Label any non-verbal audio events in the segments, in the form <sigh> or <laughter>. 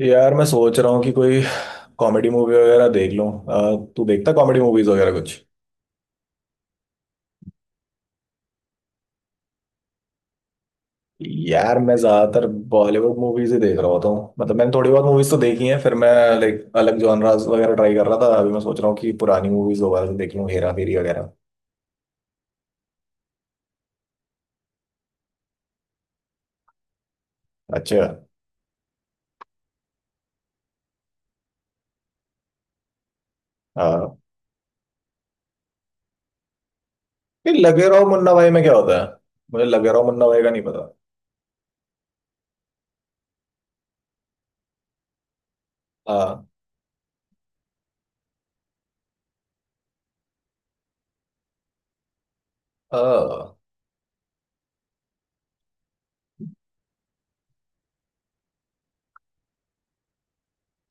यार मैं सोच रहा हूँ कि कोई कॉमेडी मूवी वगैरह देख लूँ। तू देखता कॉमेडी मूवीज वगैरह कुछ। यार मैं ज्यादातर बॉलीवुड मूवीज ही देख रहा होता हूँ। मतलब मैंने थोड़ी बहुत मूवीज तो देखी हैं। फिर मैं लाइक अलग जॉनरास वगैरह ट्राई कर रहा था। अभी मैं सोच रहा हूँ कि पुरानी मूवीज दोबारा से देख लूँ, हेरा फेरी वगैरह। अच्छा। हाँ। ये लगे रहो मुन्ना भाई में क्या होता है? मुझे लगे रहो मुन्ना भाई का नहीं पता। हाँ, हाँ,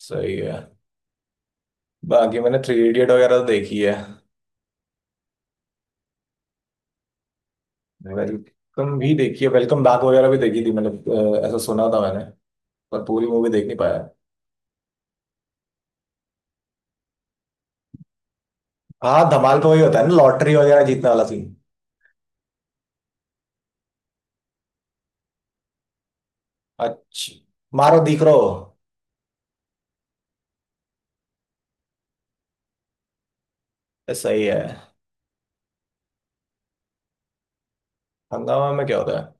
सही है। बाकी मैंने थ्री इडियट वगैरह तो देखी है। वेलकम भी देखी है। वेलकम बैक वगैरह भी देखी थी। मतलब ऐसा सुना था मैंने। पर पूरी मूवी देख नहीं पाया। हाँ, धमाल का वही होता है ना, लॉटरी वगैरह जीतने वाला सीन। अच्छा। मारो दीख रो। ये सही है। हंगामा में क्या होता है?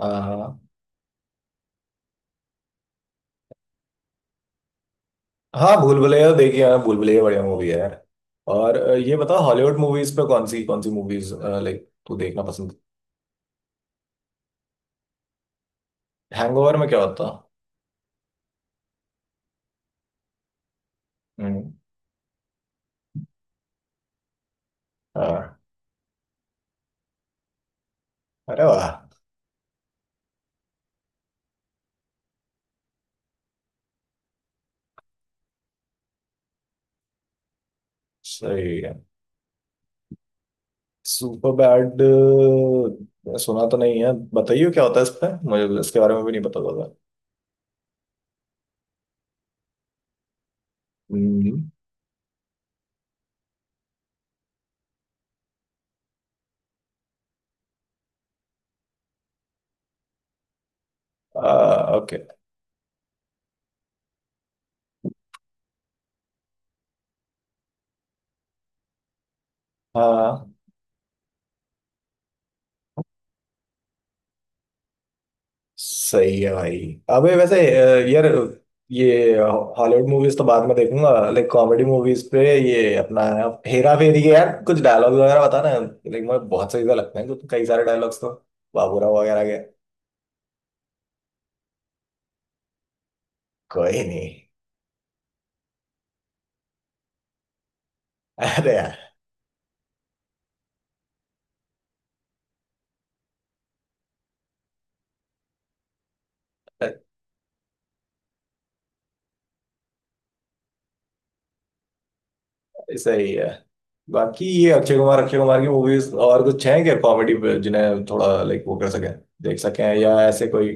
हाँ, हाँ। हाँ, भूल भुलैया देखिए। हाँ, भूल भुलैया बढ़िया मूवी है यार। और ये बताओ हॉलीवुड मूवीज पे कौन सी मूवीज लाइक तू देखना पसंद। हैंगओवर में क्या होता? हम्म। हाँ। अरे वाह। सही है। Superbad. सुना तो नहीं है, बताइए क्या होता है इस पे। मुझे इसके बारे में भी नहीं पता होगा। हम्म। ओके। हाँ। सही है भाई। अबे वैसे यार ये हॉलीवुड मूवीज तो बाद में देखूंगा। लाइक कॉमेडी मूवीज पे ये अपना हेरा फेरी के यार कुछ डायलॉग वगैरह बता ना। लाइक मुझे बहुत सही से लगते हैं कई सारे डायलॉग्स तो, बाबूराव वगैरह के। कोई नहीं। अरे यार। सही है। बाकी ये अक्षय कुमार, अक्षय कुमार की मूवीज और कुछ हैं क्या कॉमेडी पे, जिन्हें थोड़ा लाइक वो कर सकें, देख सकें, या ऐसे कोई।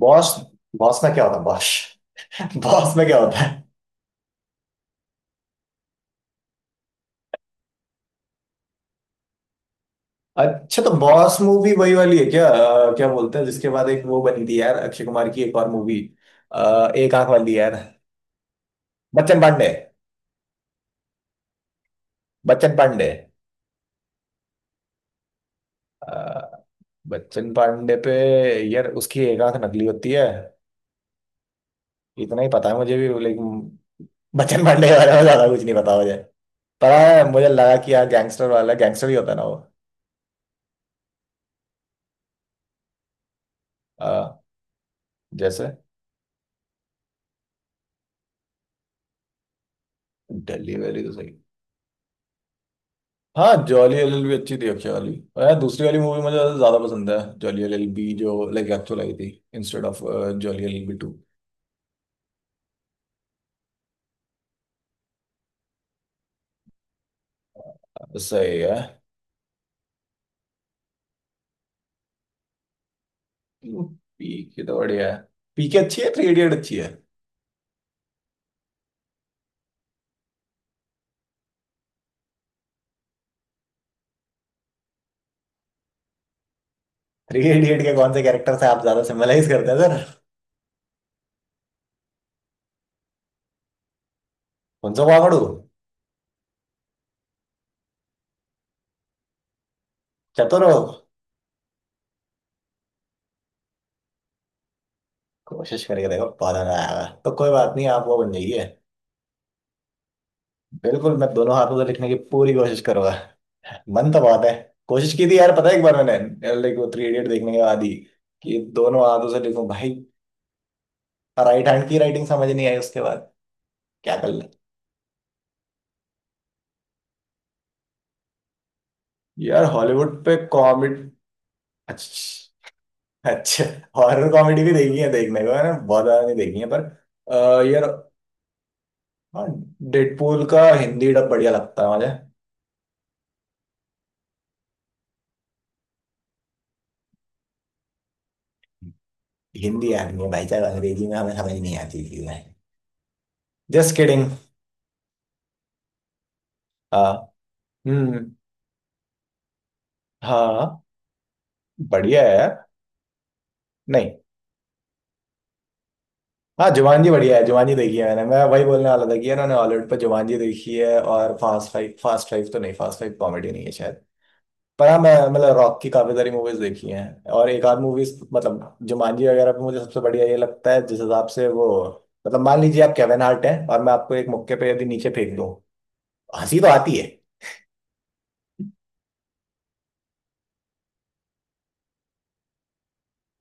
बॉस। बॉस में क्या होता है? बॉस <laughs> बॉस में क्या होता? अच्छा, तो बॉस मूवी वही वाली है क्या? क्या बोलते हैं जिसके बाद एक वो बनी थी यार, अक्षय कुमार की एक और मूवी, एक आंख वाली यार। बच्चन पांडे। बच्चन पांडे। अ, बच्चन पांडे पे यार उसकी एक आंख नकली होती है। इतना ही पता है मुझे भी, लेकिन बच्चन पांडे के बारे में ज्यादा कुछ नहीं पता मुझे। पर हाँ, मुझे लगा कि यार गैंगस्टर वाला गैंगस्टर ही होता है ना वो। अ, जैसे। दिल्ली वैली तो सही। हाँ, जॉली एल एल भी अच्छी थी अक्षय वाली। और यार दूसरी वाली मूवी मुझे ज्यादा पसंद है, जॉली एल एल बी जो लाइक एक्चुअल आई थी, instead of Jolly L L B two. सही है। पीके तो बढ़िया है। पीके अच्छी है। थ्री इडियट अच्छी है। थ्री इडियट के कौन से कैरेक्टर से आप ज्यादा सिमिलाइज करते हैं सर? उनसे पकड़ू। चतुर हो। कोशिश करके देखो, पता ना आएगा तो कोई बात नहीं, आप वो बन जाइए। बिल्कुल, मैं दोनों हाथों से लिखने की पूरी कोशिश करूंगा। मन तो बहुत है। कोशिश की थी यार, पता है एक बार मैंने लाइक वो थ्री इडियट देखने के बाद ही कि दोनों हाथों से लिखूं भाई। राइट हैंड की राइटिंग समझ नहीं आई उसके बाद, क्या कर ले। यार हॉलीवुड पे कॉमेडी। अच्छा। अच्छा। हॉरर कॉमेडी भी देखी है देखने को, मैंने बहुत ज्यादा नहीं देखी है, पर यार। हाँ। डेडपूल का हिंदी डब बढ़िया लगता है मुझे। हिंदी आदमी है भाई साहब, अंग्रेजी में हमें समझ नहीं आती चीजें। Just kidding. हाँ। हम्म। हाँ। बढ़िया है यार। नहीं। हाँ, जुमानजी बढ़िया है। जुमानजी देखी है मैंने। मैं वही बोलने वाला था कि उन्होंने हॉलीवुड पर जुमानजी देखी है। और फास्ट फाइव, फास्ट फाइव तो नहीं, फास्ट फाइव कॉमेडी नहीं है शायद। पर हाँ मैं मतलब रॉक की काफी सारी मूवीज देखी हैं। और एक आध मूवीज मतलब जुमानजी वगैरह पे मुझे सबसे बढ़िया ये लगता है जिस हिसाब से वो। मतलब मान लीजिए आप केविन हार्ट हैं और मैं आपको एक मुक्के पे यदि नीचे फेंक दूं, हंसी तो आती है।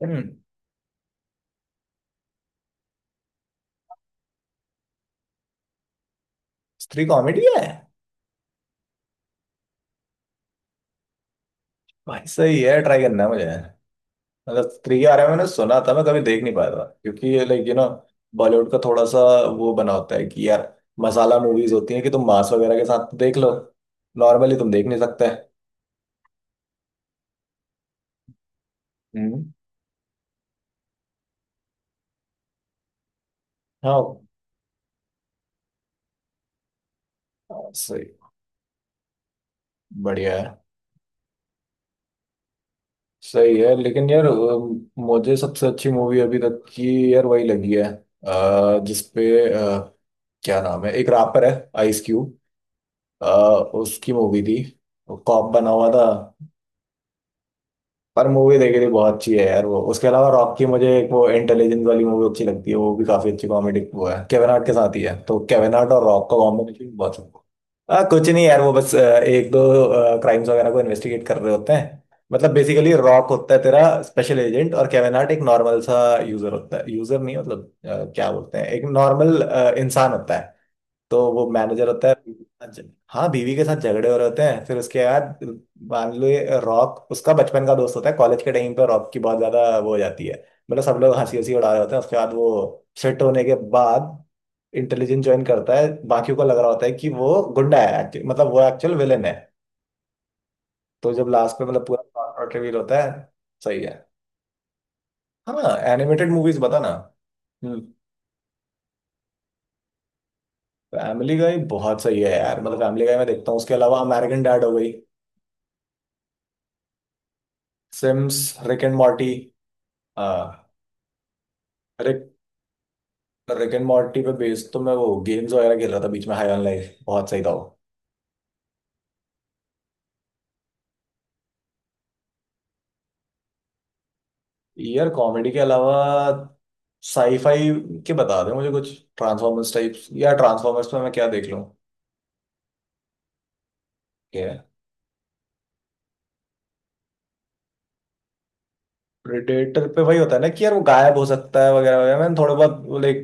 हम्म। स्त्री कॉमेडी है? भाई सही है, ट्राई करना है मुझे। मतलब स्त्री के बारे में मैंने सुना था, मैं कभी देख नहीं पाया था क्योंकि ये लाइक यू नो बॉलीवुड का थोड़ा सा वो बना होता है कि यार मसाला मूवीज होती हैं कि तुम मांस वगैरह के साथ तो देख लो, नॉर्मली तुम देख नहीं सकते। हम्म। हाँ। सही। बढ़िया है। सही है लेकिन यार मुझे सबसे अच्छी मूवी अभी तक की यार वही लगी है, जिसपे अ, क्या नाम है, एक रैपर है, आइस क्यूब, उसकी मूवी थी, कॉप बना हुआ था। पर मूवी देखी थी, बहुत अच्छी है यार वो। उसके अलावा रॉक की मुझे एक वो इंटेलिजेंस वाली मूवी अच्छी लगती है, वो भी काफी अच्छी कॉमेडी वो है, केविन हार्ट के साथ ही है, तो केविन हार्ट और रॉक का कॉम्बिनेशन बहुत सुंदर। कुछ नहीं यार, वो बस एक दो क्राइम्स वगैरह को इन्वेस्टिगेट कर रहे होते हैं। मतलब बेसिकली रॉक होता है तेरा स्पेशल एजेंट, और केविन हार्ट एक नॉर्मल सा यूजर होता है, यूजर नहीं मतलब क्या बोलते हैं, एक नॉर्मल इंसान होता है। तो वो मैनेजर होता है, बीवी के साथ हाँ बीवी के साथ झगड़े हो रहे होते हैं, फिर उसके बाद मान लो ये रॉक उसका बचपन का दोस्त होता है कॉलेज के टाइम पे, रॉक की बहुत ज्यादा वो हो जाती है, मतलब सब लोग हंसी हंसी उड़ा रहे होते हैं। उसके बाद वो फिट होने के बाद इंटेलिजेंस ज्वाइन करता है, बाकियों को लग रहा होता है कि वो गुंडा है, मतलब वो एक्चुअल विलेन है। तो जब लास्ट में मतलब पूरा रिवील होता है। सही है। हाँ, एनिमेटेड मूवीज बता ना। हम्म। फैमिली गाय बहुत सही है यार, मतलब फैमिली गाय मैं देखता हूँ। उसके अलावा अमेरिकन डैड हो गई, सिम्स, रिक एंड मॉर्टी। हाँ। अरे, रिक एंड मॉर्टी पे बेस्ड तो मैं वो गेम्स वगैरह खेल रहा था बीच में, हाई ऑन लाइफ बहुत सही था वो। यार कॉमेडी के अलावा साईफाई के बता दे मुझे कुछ, ट्रांसफॉर्मर्स टाइप्स या ट्रांसफॉर्मर्स पे मैं क्या देख लूँ? क्या? प्रेडेटर पे वही होता है ना कि यार वो गायब हो सकता है वगैरह वगैरह, मैंने थोड़ा बहुत लाइक।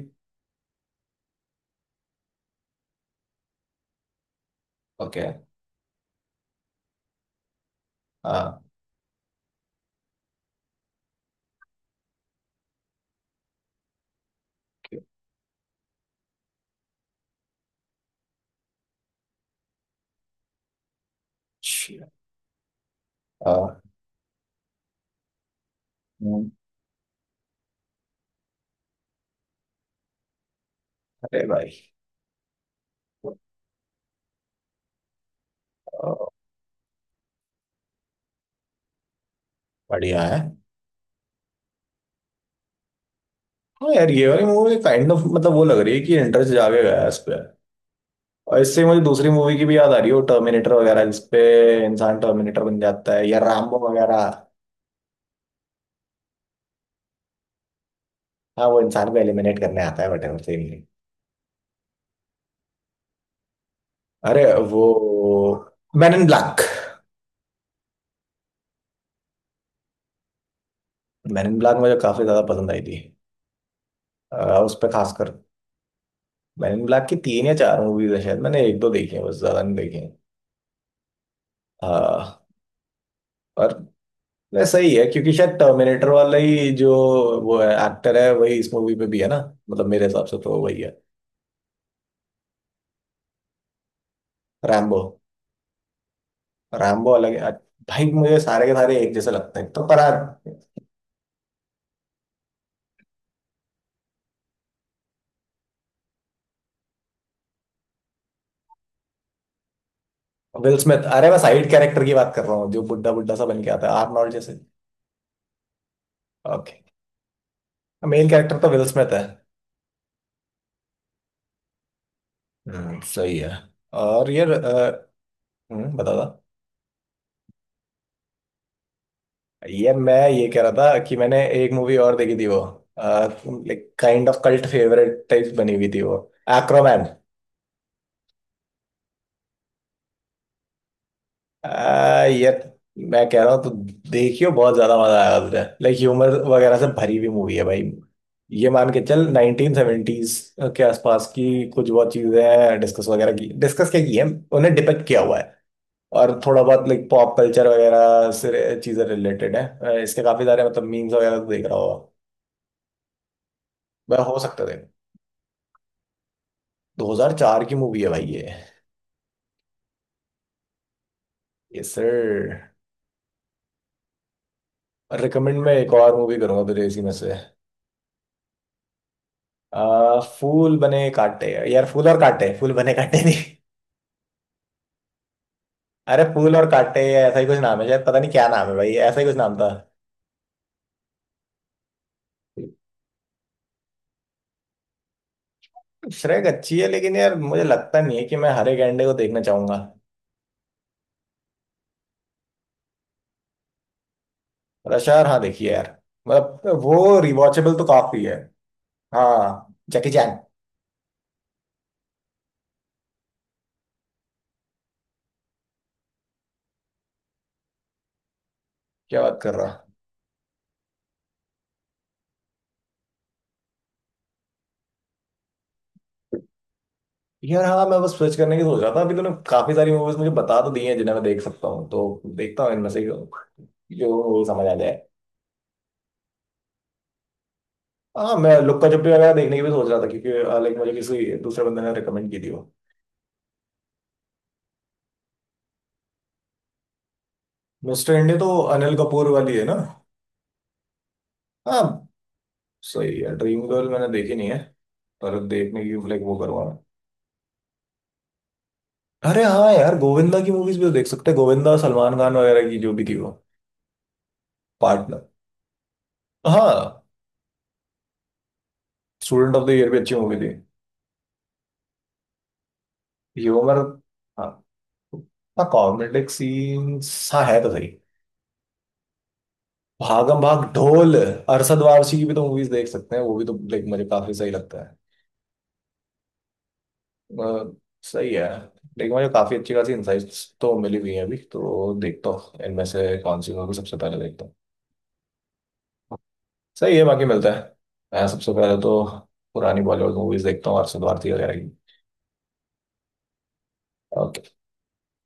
ओके। हाँ। okay, हाँ, हम्म, अरे भाई अ, बढ़िया है। हाँ यार, ये वाली मूवी काइंड ऑफ, मतलब वो लग रही है कि इंटरेस्ट जागेगा इस पे। और इससे मुझे दूसरी मूवी की भी याद आ रही है, वो टर्मिनेटर वगैरह जिसपे इंसान टर्मिनेटर बन जाता है, या रामबो वगैरह। हाँ, वो इंसान को एलिमिनेट करने आता है, बट सेम। अरे वो Man in Black. Man in Black मुझे काफी ज्यादा पसंद आई थी, उस पर खासकर। मैन इन ब्लैक की तीन या चार मूवीज है शायद, मैंने एक दो देखी है बस, ज्यादा नहीं देखी है। हाँ। और वैसे सही है क्योंकि शायद टर्मिनेटर वाला ही जो वो है एक्टर है वही इस मूवी में भी है ना, मतलब मेरे हिसाब से तो वही है। रैम्बो। रैम्बो अलग है। भाई मुझे सारे के सारे एक जैसे लगते हैं तो, पर विल स्मिथ। अरे मैं साइड कैरेक्टर की बात कर रहा हूँ जो बुड्ढा बुड्ढा सा बन के आता है, आर्नोल्ड जैसे। ओके। मेन कैरेक्टर तो विल स्मिथ है। सही है। और ये बता था। ये मैं ये कह रहा था कि मैंने एक मूवी और देखी थी वो, like kind of cult favourite type बनी हुई थी वो, एक्रोमैन। यार मैं कह रहा हूँ तो देखियो, बहुत ज्यादा मजा आएगा तुझे, लाइक ह्यूमर वगैरह से भरी हुई मूवी है भाई। ये मान के चल 1970s के आसपास की। कुछ बहुत चीजें हैं डिस्कस वगैरह की, डिस्कस क्या की है, उन्हें डिपेक्ट किया हुआ है। और थोड़ा बहुत लाइक पॉप कल्चर वगैरह से चीजें रिलेटेड है, इसके काफी सारे मतलब मीम्स वगैरह तो देख रहा होगा। वह हो सकते थे। 2004 की मूवी है भाई ये। Yes sir. रिकमेंड मैं एक और मूवी करूंगा तुझे इसी में से। फूल बने कांटे। यार फूल और कांटे, फूल बने कांटे नहीं। अरे फूल और कांटे, ऐसा ही कुछ नाम है शायद, पता नहीं क्या नाम है भाई, ऐसा ही कुछ नाम था। श्रेक अच्छी है लेकिन यार मुझे लगता नहीं है कि मैं हरे गैंडे को देखना चाहूंगा। रश यार, हाँ देखिए यार, मतलब वो रिवॉचेबल तो काफी है। हाँ, जैकी चैन। क्या बात कर रहा। यार हाँ, मैं बस स्विच करने की सोच रहा था। अभी तूने काफी सारी मूवीज मुझे बता तो दी हैं, जिन्हें मैं देख सकता हूँ, तो देखता हूँ इनमें से जो जो समझ आ जाए। हाँ, मैं लुक्का छुपी वगैरह देखने की भी सोच रहा था, क्योंकि लाइक मुझे किसी दूसरे बंदे ने रिकमेंड की थी वो। मिस्टर इंडिया तो अनिल कपूर वाली है ना। हाँ। सही है। ड्रीम गर्ल मैंने देखी नहीं है, पर देखने की लाइक वो करूँगा मैं। अरे हाँ यार, गोविंदा की मूवीज भी तो देख सकते हैं, गोविंदा सलमान खान वगैरह की जो भी थी वो। पार्टनर। हाँ। स्टूडेंट ऑफ द ईयर भी अच्छी मूवी थी। ह्यूमर। हाँ, हाँ, कॉमेडिक सीन्स हाँ है तो सही। भागम भाग, ढोल, अरशद वारसी की भी तो मूवीज देख सकते हैं, वो भी तो लाइक मुझे काफी सही लगता है। अ, सही है लेकिन मुझे काफ़ी अच्छी खासी इंसाइट्स तो मिली हुई हैं अभी, तो देखता हूँ इनमें से कौन सी मूवी सबसे पहले देखता हूँ। सही है, बाकी मिलता है। मैं सबसे पहले तो पुरानी बॉलीवुड मूवीज देखता हूँ, अरशद भारती वगैरह की।